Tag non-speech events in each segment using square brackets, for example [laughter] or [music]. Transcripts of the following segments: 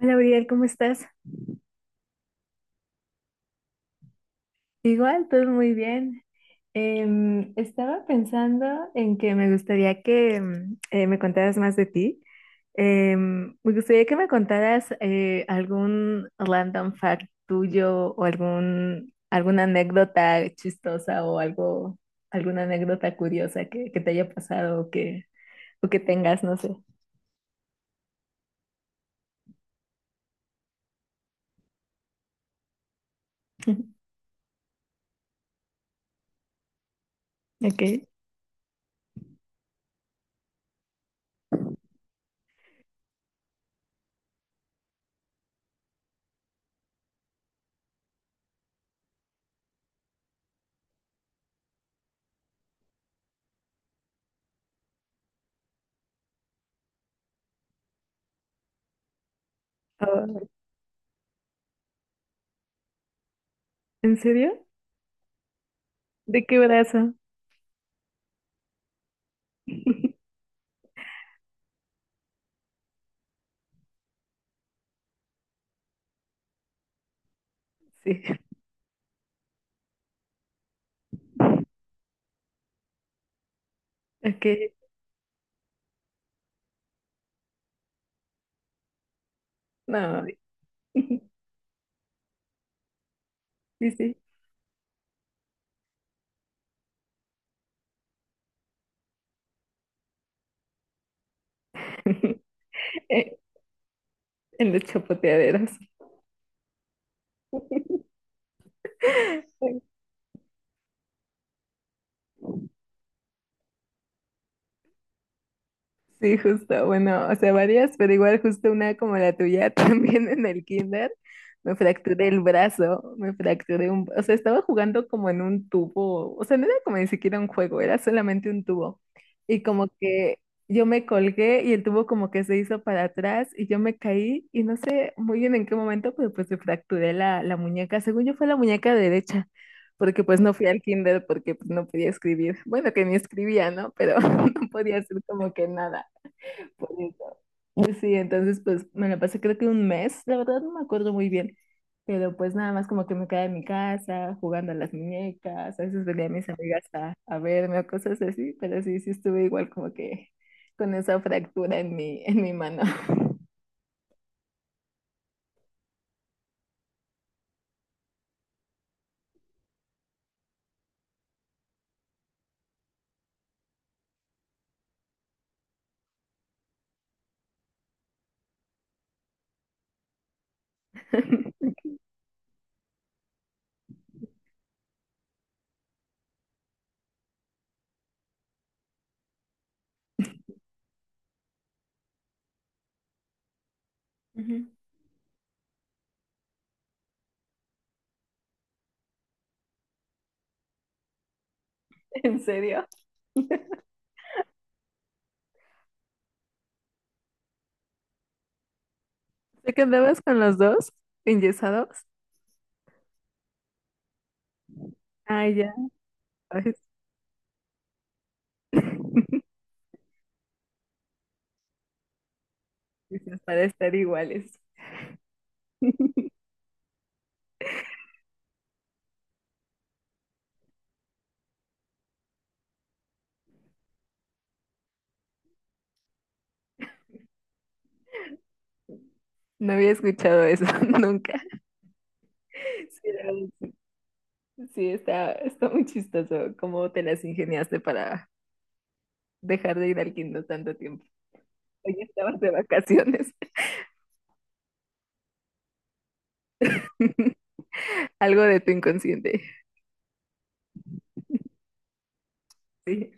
Hola, Uriel, ¿cómo estás? Igual, todo muy bien. Estaba pensando en que me gustaría que me contaras más de ti. Me gustaría que me contaras algún random fact tuyo o alguna anécdota chistosa o algo, alguna anécdota curiosa que te haya pasado o que tengas, no sé. [laughs] Ok. Oh, ¿en serio? ¿De qué brazo? [laughs] Sí. Ok. No. [laughs] Sí, sí. [laughs] Eh, En los chapoteaderos. [laughs] Sí, justo. Bueno, o sea, varias, pero igual justo una como la tuya [laughs] también en el kinder. Me fracturé el brazo, o sea, estaba jugando como en un tubo. O sea, no era como ni siquiera un juego, era solamente un tubo. Y como que yo me colgué y el tubo como que se hizo para atrás y yo me caí y no sé muy bien en qué momento, pero pues me fracturé la muñeca. Según yo fue la muñeca derecha. Porque pues no fui al kinder porque pues, no podía escribir. Bueno, que ni escribía, ¿no? Pero [laughs] no podía hacer como que nada. Por eso. Pues sí, entonces pues me la pasé creo que un mes, la verdad no me acuerdo muy bien, pero pues nada más como que me quedaba en mi casa jugando a las muñecas, a veces venía a mis amigas a verme o cosas así, pero sí, sí estuve igual como que con esa fractura en mi mano. Ujú. [laughs] ¿En serio? ¿Te quedabas con los dos enyesados? Ah, ya. Ay, [laughs] Esas Para estar iguales. No había escuchado eso [laughs] nunca. Sí, la verdad, sí, sí, está muy chistoso cómo te las ingeniaste para dejar de ir al Kindle tanto tiempo. Oye, estabas de vacaciones. [laughs] Algo de tu inconsciente. Sí.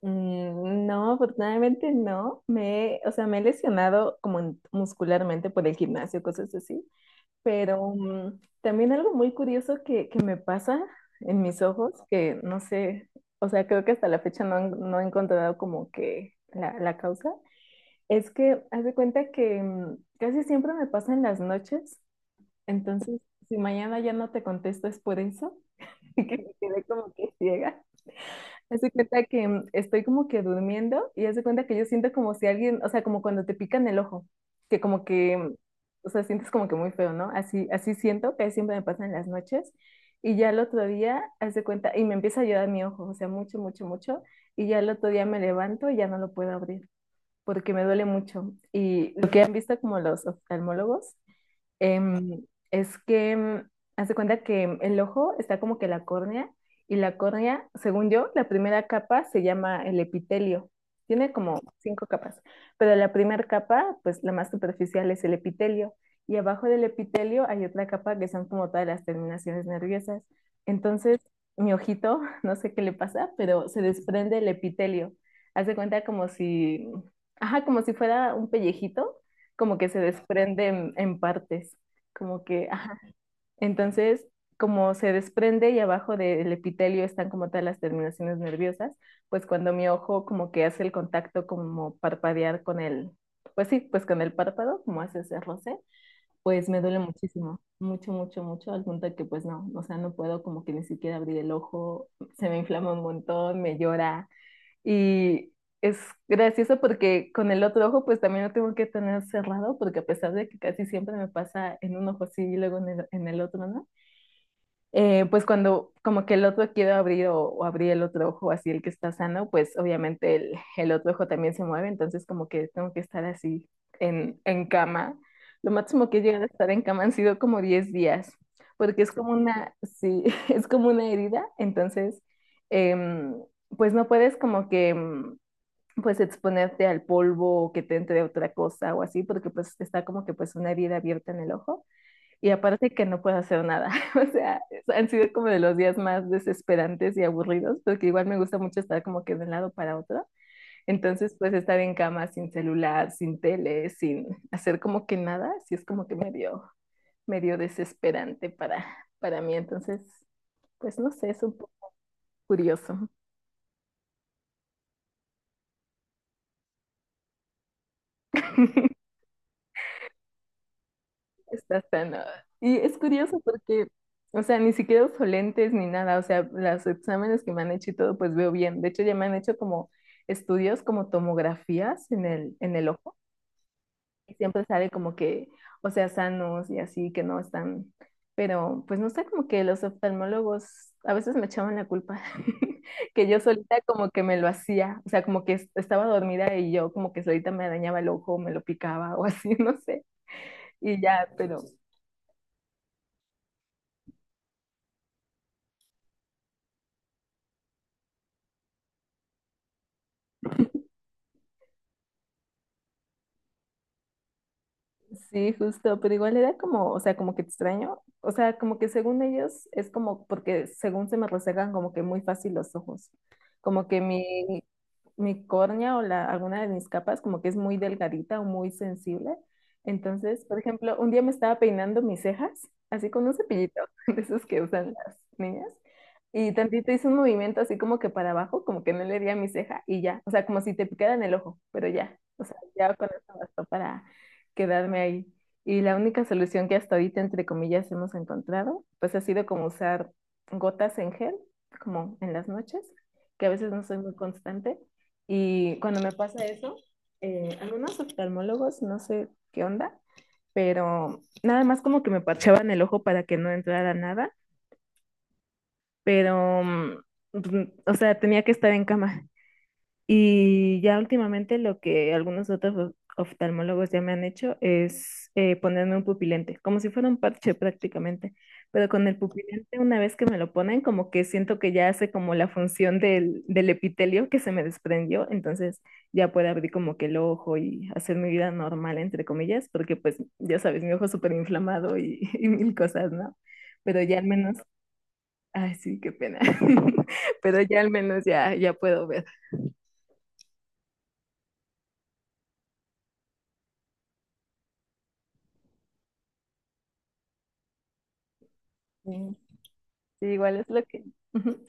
No, afortunadamente no. O sea, me he lesionado como muscularmente por el gimnasio, cosas así, pero también algo muy curioso que me pasa en mis ojos, que no sé, o sea, creo que hasta la fecha no, no he encontrado como que la causa, es que haz de cuenta que casi siempre me pasa en las noches, entonces si mañana ya no te contesto es por eso, [laughs] y que me quedé como que ciega. Haz de cuenta que estoy como que durmiendo y haz de cuenta que yo siento como si alguien, o sea, como cuando te pican el ojo, que como que, o sea, sientes como que muy feo, ¿no? Así, así siento que siempre me pasa en las noches y ya el otro día, haz de cuenta, y me empieza a llorar mi ojo, o sea, mucho, mucho, mucho, y ya el otro día me levanto y ya no lo puedo abrir porque me duele mucho. Y lo que han visto como los oftalmólogos. Em, es que, haz de cuenta que el ojo está como que la córnea, y la córnea, según yo, la primera capa se llama el epitelio. Tiene como cinco capas, pero la primera capa, pues la más superficial es el epitelio, y abajo del epitelio hay otra capa que son como todas las terminaciones nerviosas. Entonces, mi ojito, [laughs] no sé qué le pasa, pero se desprende el epitelio. Haz de cuenta como si, ajá, como si fuera un pellejito como que se desprende en partes, como que, ajá. Entonces, como se desprende y abajo del epitelio están como tal las terminaciones nerviosas, pues cuando mi ojo como que hace el contacto como parpadear con el, pues sí, pues con el párpado, como hace ese roce, pues me duele muchísimo, mucho, mucho, mucho, al punto de que pues no, o sea, no puedo como que ni siquiera abrir el ojo, se me inflama un montón, me llora, y es gracioso porque con el otro ojo pues también lo tengo que tener cerrado porque a pesar de que casi siempre me pasa en un ojo así y luego en el otro, ¿no? Pues cuando como que el otro quiero abrir o abrir el otro ojo así el que está sano, pues obviamente el otro ojo también se mueve, entonces como que tengo que estar así en, cama. Lo máximo que he llegado a estar en cama han sido como 10 días, porque es como una, sí, [laughs] es como una herida, entonces... em, pues no puedes como que pues exponerte al polvo o que te entre otra cosa o así, porque pues está como que pues una herida abierta en el ojo y aparte que no puedo hacer nada. [laughs] O sea, han sido como de los días más desesperantes y aburridos, porque igual me gusta mucho estar como que de un lado para otro. Entonces, pues estar en cama sin celular, sin tele, sin hacer como que nada, sí es como que medio desesperante para mí. Entonces, pues no sé, es un poco curioso. [laughs] Está tan... ah, y es curioso porque, o sea, ni siquiera uso lentes ni nada, o sea, los exámenes que me han hecho y todo, pues veo bien. De hecho, ya me han hecho como estudios, como tomografías en el ojo, y siempre sale como que, o sea, sanos y así, que no están, pero pues no sé, como que los oftalmólogos a veces me echaban la culpa, [laughs] que yo solita como que me lo hacía, o sea, como que estaba dormida y yo como que solita me arañaba el ojo, me lo picaba o así, [laughs] no sé, y ya, pero... Sí, justo, pero igual era como, o sea, como que extraño, o sea, como que según ellos es como, porque según se me resecan como que muy fácil los ojos, como que mi córnea o alguna de mis capas como que es muy delgadita o muy sensible. Entonces, por ejemplo, un día me estaba peinando mis cejas, así con un cepillito, [laughs] de esos que usan las niñas, y tantito hice un movimiento así como que para abajo, como que no le di a mi ceja y ya, o sea, como si te picara en el ojo, pero ya, o sea, ya con eso bastó para quedarme ahí. Y la única solución que hasta ahorita, entre comillas, hemos encontrado, pues ha sido como usar gotas en gel, como en las noches, que a veces no soy muy constante. Y cuando me pasa eso, algunos oftalmólogos, no sé qué onda, pero nada más como que me parchaban el ojo para que no entrara nada, pero, o sea, tenía que estar en cama. Y ya últimamente lo que algunos otros oftalmólogos ya me han hecho es ponerme un pupilente, como si fuera un parche prácticamente. Pero con el pupilente, una vez que me lo ponen, como que siento que ya hace como la función del epitelio que se me desprendió, entonces ya puedo abrir como que el ojo y hacer mi vida normal, entre comillas, porque pues ya sabes, mi ojo súper inflamado y, [laughs] y mil cosas, ¿no? Pero ya al menos, ay, sí, qué pena. [laughs] Pero ya al menos ya, ya puedo ver. Sí, igual es lo que... Ujú.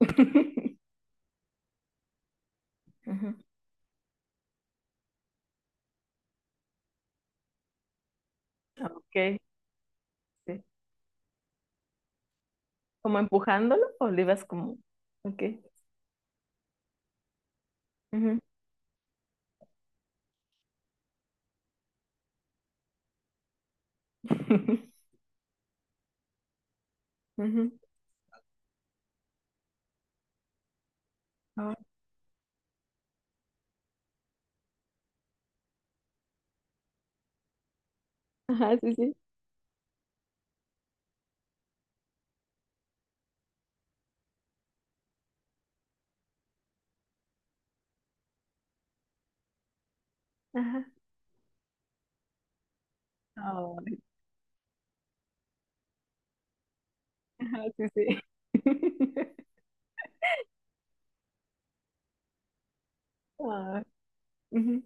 [laughs] Ujú. Ok, sí. ¿Como empujándolo o le ibas como...? Ok. Ujú. [laughs] Ujú. Ah, ajá, sí, sí. Ajá. Ay, [laughs] ajá, sí, sí. [laughs] Ah, ujú.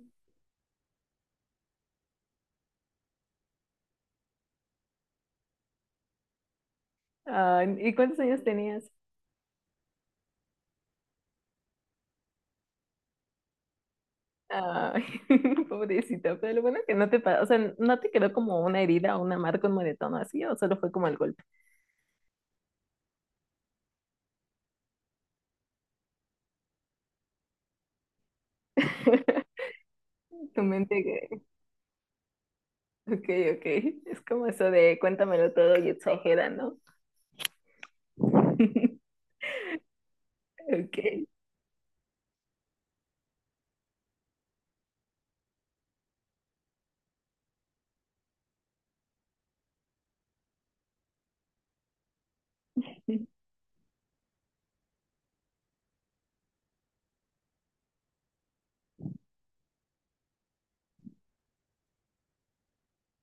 Ay, ¿y cuántos años tenías? Ay, [laughs] pobrecita, pero lo bueno que no te o sea, no te quedó como una herida o una marca, un moretón o así, o solo fue como el golpe. [laughs] Tu mente que, ok, ok, es como eso de cuéntamelo todo y exagera, ¿no? [laughs] Ok,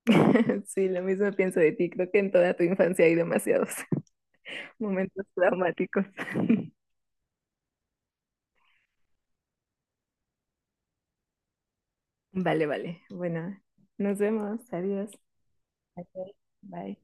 [laughs] sí, lo mismo pienso de ti. Creo que en toda tu infancia hay demasiados [laughs] momentos traumáticos. [laughs] Vale, vale. Bueno, nos vemos. Adiós. Ok, bye.